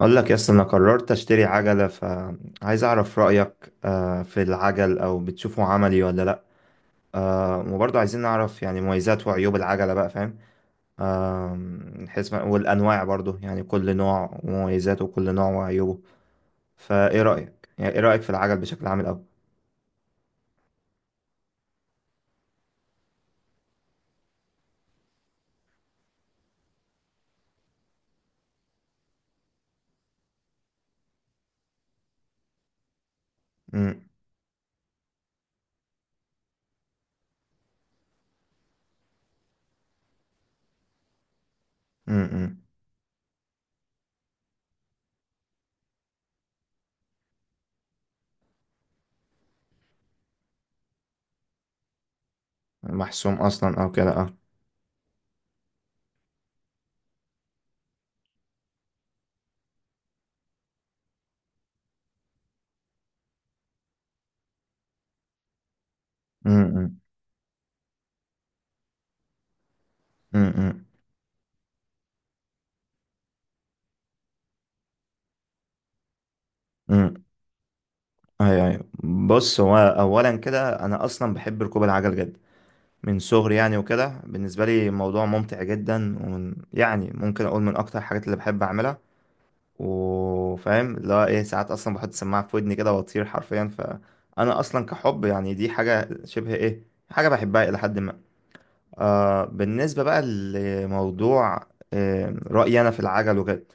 اقول لك يس، انا قررت اشتري عجله، فعايز اعرف رايك في العجل، او بتشوفه عملي ولا لا؟ وبرضه عايزين نعرف يعني مميزات وعيوب العجله، بقى فاهم. آم، حيث ما- والانواع برضه يعني كل نوع ومميزاته، وكل نوع وعيوبه. فايه رايك، يعني ايه رايك في العجل بشكل عام الاول؟ أم، أم، أم. محسوم اصلا او كده، اه. أم، أم، أم، أم، أم. ايوه، ايوه. بص، هو اولا كده انا اصلا بحب ركوب العجل جدا من صغري، يعني وكده بالنسبة لي موضوع ممتع جدا، ومن يعني ممكن أقول من أكتر الحاجات اللي بحب أعملها. وفاهم اللي هو إيه، ساعات أصلا بحط السماعة في ودني كده وأطير حرفيا، فأنا أصلا كحب، يعني دي حاجة شبه إيه، حاجة بحبها إلى حد ما. بالنسبة بقى لموضوع، رأيي أنا في العجل وكده.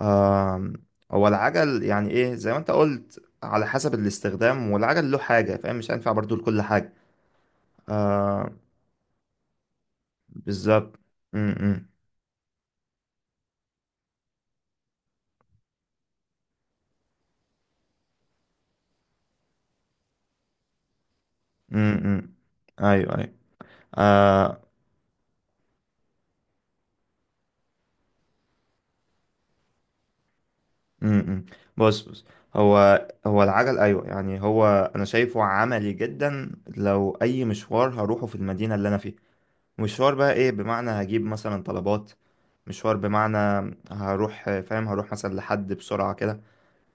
آه. هو العجل يعني إيه زي ما أنت قلت، على حسب الاستخدام، والعجل له حاجة فاهم، مش هينفع برضو لكل حاجة. آه. بالظبط. م- م. امم. ايوه، ايوه. آه. امم. بص، بص، هو هو العجل، ايوه يعني هو انا شايفه عملي جدا. لو اي مشوار هروحه في المدينه اللي انا فيها، مشوار بقى ايه، بمعنى هجيب مثلا طلبات، مشوار بمعنى هروح فاهم، هروح مثلا لحد بسرعه كده.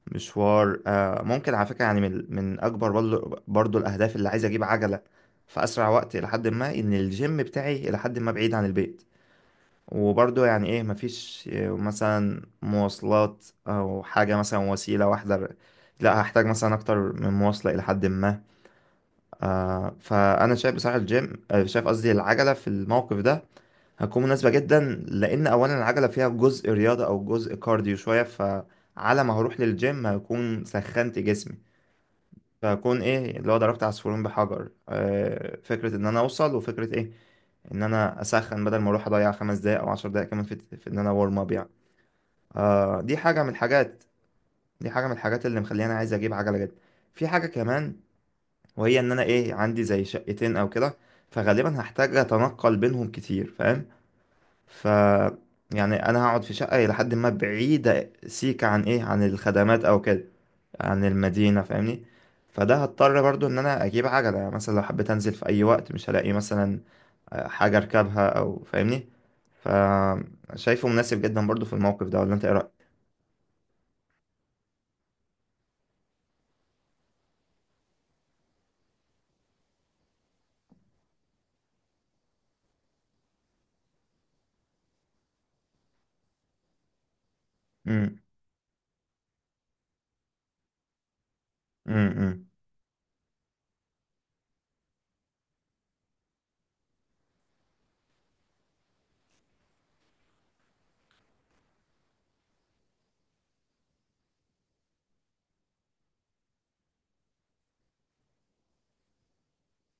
مشوار ممكن على فكره، يعني من اكبر برضو الاهداف اللي عايز اجيب عجله في اسرع وقت، لحد ما ان الجيم بتاعي لحد ما بعيد عن البيت. وبرضه يعني ايه، مفيش مثلا مواصلات او حاجة، مثلا وسيلة واحدة، لا هحتاج مثلا اكتر من مواصلة الى حد ما. فانا شايف بصراحة الجيم، شايف قصدي العجلة في الموقف ده هتكون مناسبة جدا، لان اولا العجلة فيها جزء رياضة او جزء كارديو شوية، فعلى ما هروح للجيم هكون سخنت جسمي. فهكون ايه اللي هو ضربت عصفورين بحجر، فكرة ان انا اوصل، وفكرة ايه ان انا اسخن، بدل ما اروح اضيع 5 دقايق او 10 دقايق كمان في ان انا وارم اب. دي حاجة من الحاجات. دي حاجة من الحاجات اللي مخليني عايز أجيب عجلة جدا. في حاجة كمان، وهي إن أنا إيه عندي زي شقتين أو كده، فغالبا هحتاج أتنقل بينهم كتير، فاهم. ف يعني أنا هقعد في شقة إلى حد ما بعيدة سيكة عن إيه، عن الخدمات أو كده، عن المدينة، فاهمني. فده هضطر برضو إن أنا أجيب عجلة، يعني مثلا لو حبيت أنزل في أي وقت مش هلاقي مثلا حاجة أركبها، أو فاهمني. فشايفه مناسب جدا برضو في الموقف ده، ولا أنت إيه رأيك؟ مم، مم، مم.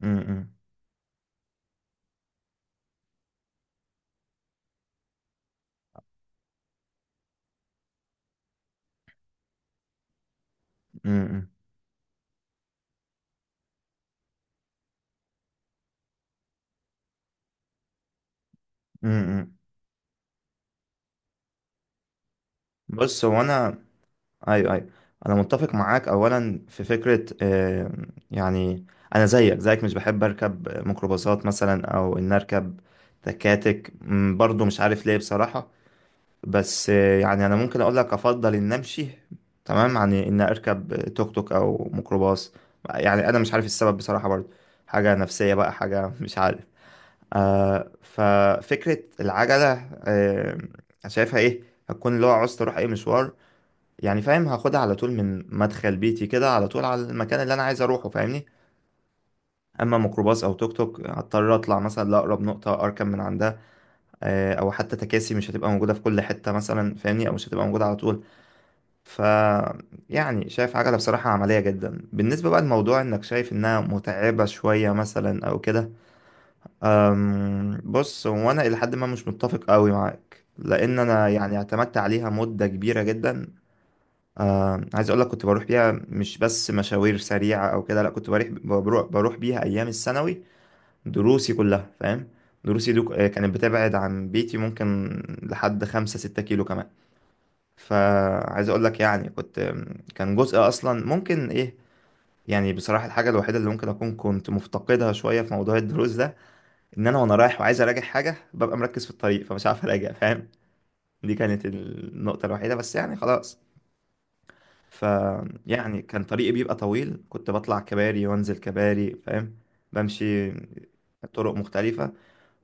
امم، امم، امم، بص، هو انا، ايوه، ايوه. انا متفق معاك اولا في فكره، يعني انا زيك زيك مش بحب اركب ميكروباصات، مثلا او ان اركب تكاتك، برضو مش عارف ليه بصراحه. بس يعني انا ممكن اقول لك افضل ان امشي، تمام، عن ان اركب توك توك او ميكروباص. يعني انا مش عارف السبب بصراحه برضو، حاجه نفسيه بقى، حاجه مش عارف. ففكرة العجلة، آه، شايفها ايه هتكون اللي هو عاوز اروح اي مشوار، يعني فاهم، هاخدها على طول من مدخل بيتي كده على طول على المكان اللي انا عايز اروحه، فاهمني. اما ميكروباص او توك توك، هضطر اطلع مثلا لاقرب نقطة اركب من عندها، او حتى تكاسي مش هتبقى موجودة في كل حتة مثلا، فاهمني، او مش هتبقى موجودة على طول. ف يعني شايف عجلة بصراحة عملية جدا، بالنسبة بقى لموضوع انك شايف انها متعبة شوية مثلا او كده. بص هو انا الى حد ما مش متفق قوي معاك، لان انا يعني اعتمدت عليها مده كبيره جدا. عايز اقول لك كنت بروح بيها مش بس مشاوير سريعه او كده، لا كنت بروح بيها ايام الثانوي، دروسي كلها، فاهم. دروسي دو كانت بتبعد عن بيتي ممكن لحد 5 6 كيلو كمان. فعايز اقول لك يعني كنت، كان جزء اصلا ممكن ايه، يعني بصراحه الحاجه الوحيده اللي ممكن اكون كنت مفتقدها شويه في موضوع الدروس ده، ان انا وانا رايح وعايز اراجع حاجه ببقى مركز في الطريق، فمش عارف اراجع، فاهم. دي كانت النقطه الوحيده بس، يعني خلاص. ف يعني كان طريقي بيبقى طويل، كنت بطلع كباري وانزل كباري، فاهم، بمشي طرق مختلفه،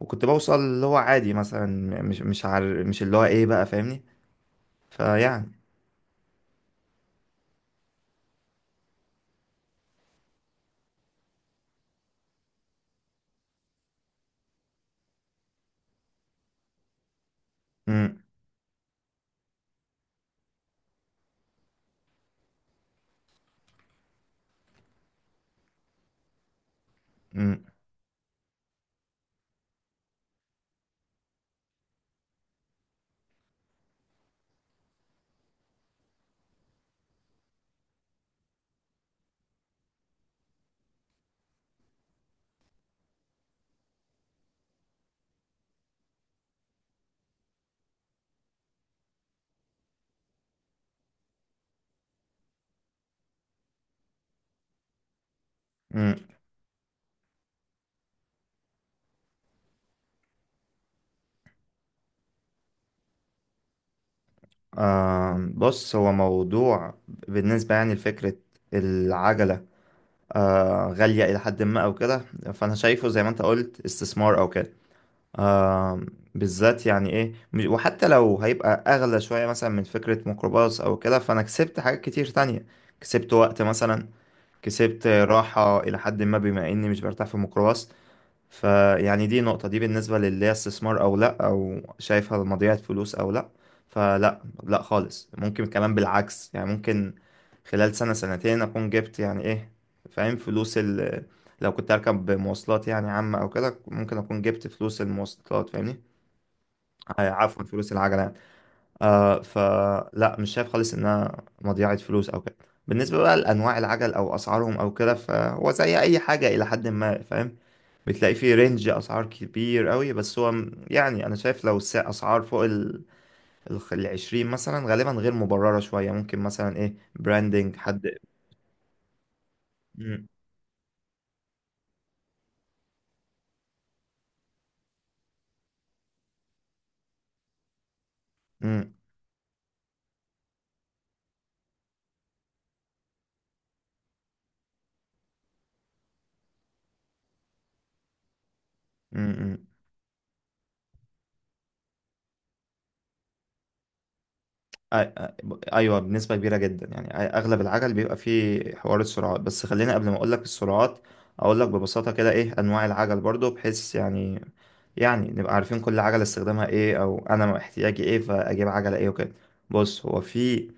وكنت بوصل اللي هو عادي مثلا، مش اللي هو ايه بقى، فاهمني. فيعني امم، امم، امم. بص هو موضوع، بالنسبه يعني لفكره العجله غالية إلى حد ما أو كده، فأنا شايفه زي ما أنت قلت استثمار أو كده. آه. بالذات يعني إيه وحتى لو هيبقى أغلى شوية مثلا من فكرة ميكروباص أو كده، فأنا كسبت حاجات كتير تانية، كسبت وقت مثلا، كسبت راحة إلى حد ما بما إني مش برتاح في الميكروباص. فيعني دي نقطة، دي بالنسبة للي هي استثمار أو لأ، أو شايفها مضيعة فلوس أو لأ. فلأ، لأ خالص، ممكن كمان بالعكس يعني، ممكن خلال سنة سنتين أكون جبت يعني إيه، فاهم، فلوس لو كنت أركب مواصلات يعني عامة أو كده، ممكن أكون جبت فلوس المواصلات، فاهمني. عفوا، فلوس العجلة يعني. فلا مش شايف خالص إنها مضيعة فلوس أو كده. بالنسبة بقى لأنواع العجل أو أسعارهم أو كده، فهو زي أي حاجة إلى حد ما فاهم، بتلاقي فيه رينج اسعار كبير قوي، بس هو يعني انا شايف لو اسعار فوق الـ20 مثلا غالبا غير مبررة شوية، ممكن مثلا ايه براندنج حد. مم. مم. مم. أي- ايوه، بنسبه كبيره جدا، يعني اغلب العجل بيبقى فيه حوار السرعات، بس خلينا قبل ما اقول لك السرعات اقول لك ببساطه كده ايه انواع العجل برضو، بحيث يعني، يعني نبقى عارفين كل عجله استخدامها ايه، او انا احتياجي ايه فاجيب عجله ايه، وكده. بص، هو في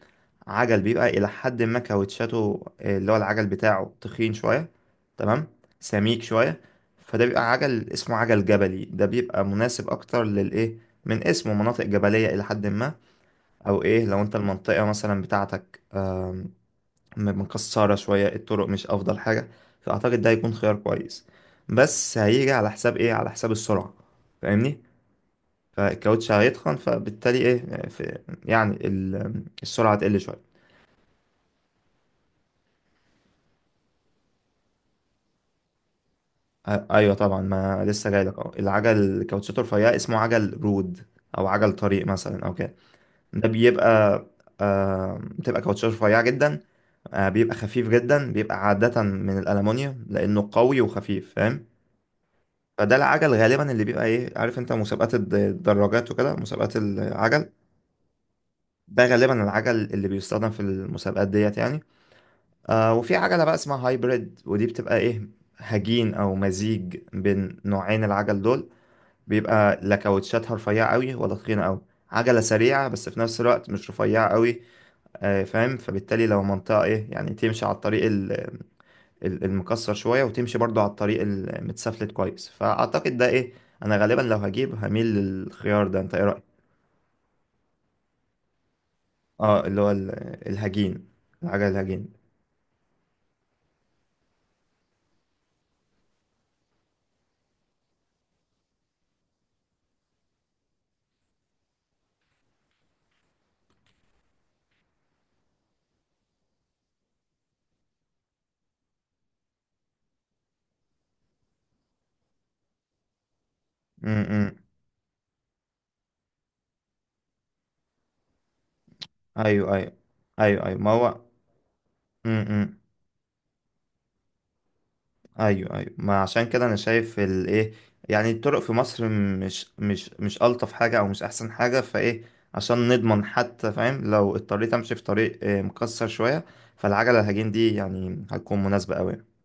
عجل بيبقى الى حد ما كاوتشاته اللي هو العجل بتاعه تخين شويه، تمام، سميك شويه. فده بيبقى عجل اسمه عجل جبلي، ده بيبقى مناسب اكتر للايه، من اسمه، مناطق جبليه الى حد ما. او ايه، لو انت المنطقة مثلا بتاعتك أم، مكسرة شوية، الطرق مش افضل حاجة، فاعتقد ده هيكون خيار كويس. بس هيجي على حساب ايه، على حساب السرعة، فاهمني. فالكاوتش هيتخن، فبالتالي ايه في، يعني السرعة تقل شوية. ايوه طبعا، ما لسه جاي لك اهو، العجل الكاوتشات الرفيعة اسمه عجل رود، او عجل طريق مثلا او كده. ده بيبقى، بتبقى كاوتشات رفيعة جدا. بيبقى خفيف جدا، بيبقى عادة من الألمونيوم، لأنه قوي وخفيف، فاهم. فده العجل غالبا اللي بيبقى ايه، عارف انت مسابقات الدراجات وكده، مسابقات العجل، ده غالبا العجل اللي بيستخدم في المسابقات ديت يعني. وفي عجلة بقى اسمها هايبريد، ودي بتبقى ايه، هجين او مزيج بين نوعين العجل دول، بيبقى لا كاوتشاتها رفيعة قوي ولا تخينة قوي، عجلة سريعة، بس في نفس الوقت مش رفيعة قوي. فاهم، فبالتالي لو منطقة ايه يعني تمشي على الطريق المكسر شوية، وتمشي برضو على الطريق المتسفلت كويس، فأعتقد ده إيه، أنا غالبا لو هجيب هميل للخيار ده، أنت إيه رأيك؟ اه، اللي هو الهجين، العجل الهجين. امم، إمم. ايوه، ايوه. ايوه، ايوه، ما هو، امم، إمم. ايوه، ايوه، ما عشان كده انا شايف الايه، يعني الطرق في مصر مش الطف حاجه او مش احسن حاجه، فايه عشان نضمن حتى، فاهم، لو اضطريت امشي في طريق مكسر شويه، فالعجله الهجين دي يعني هتكون مناسبه قوي.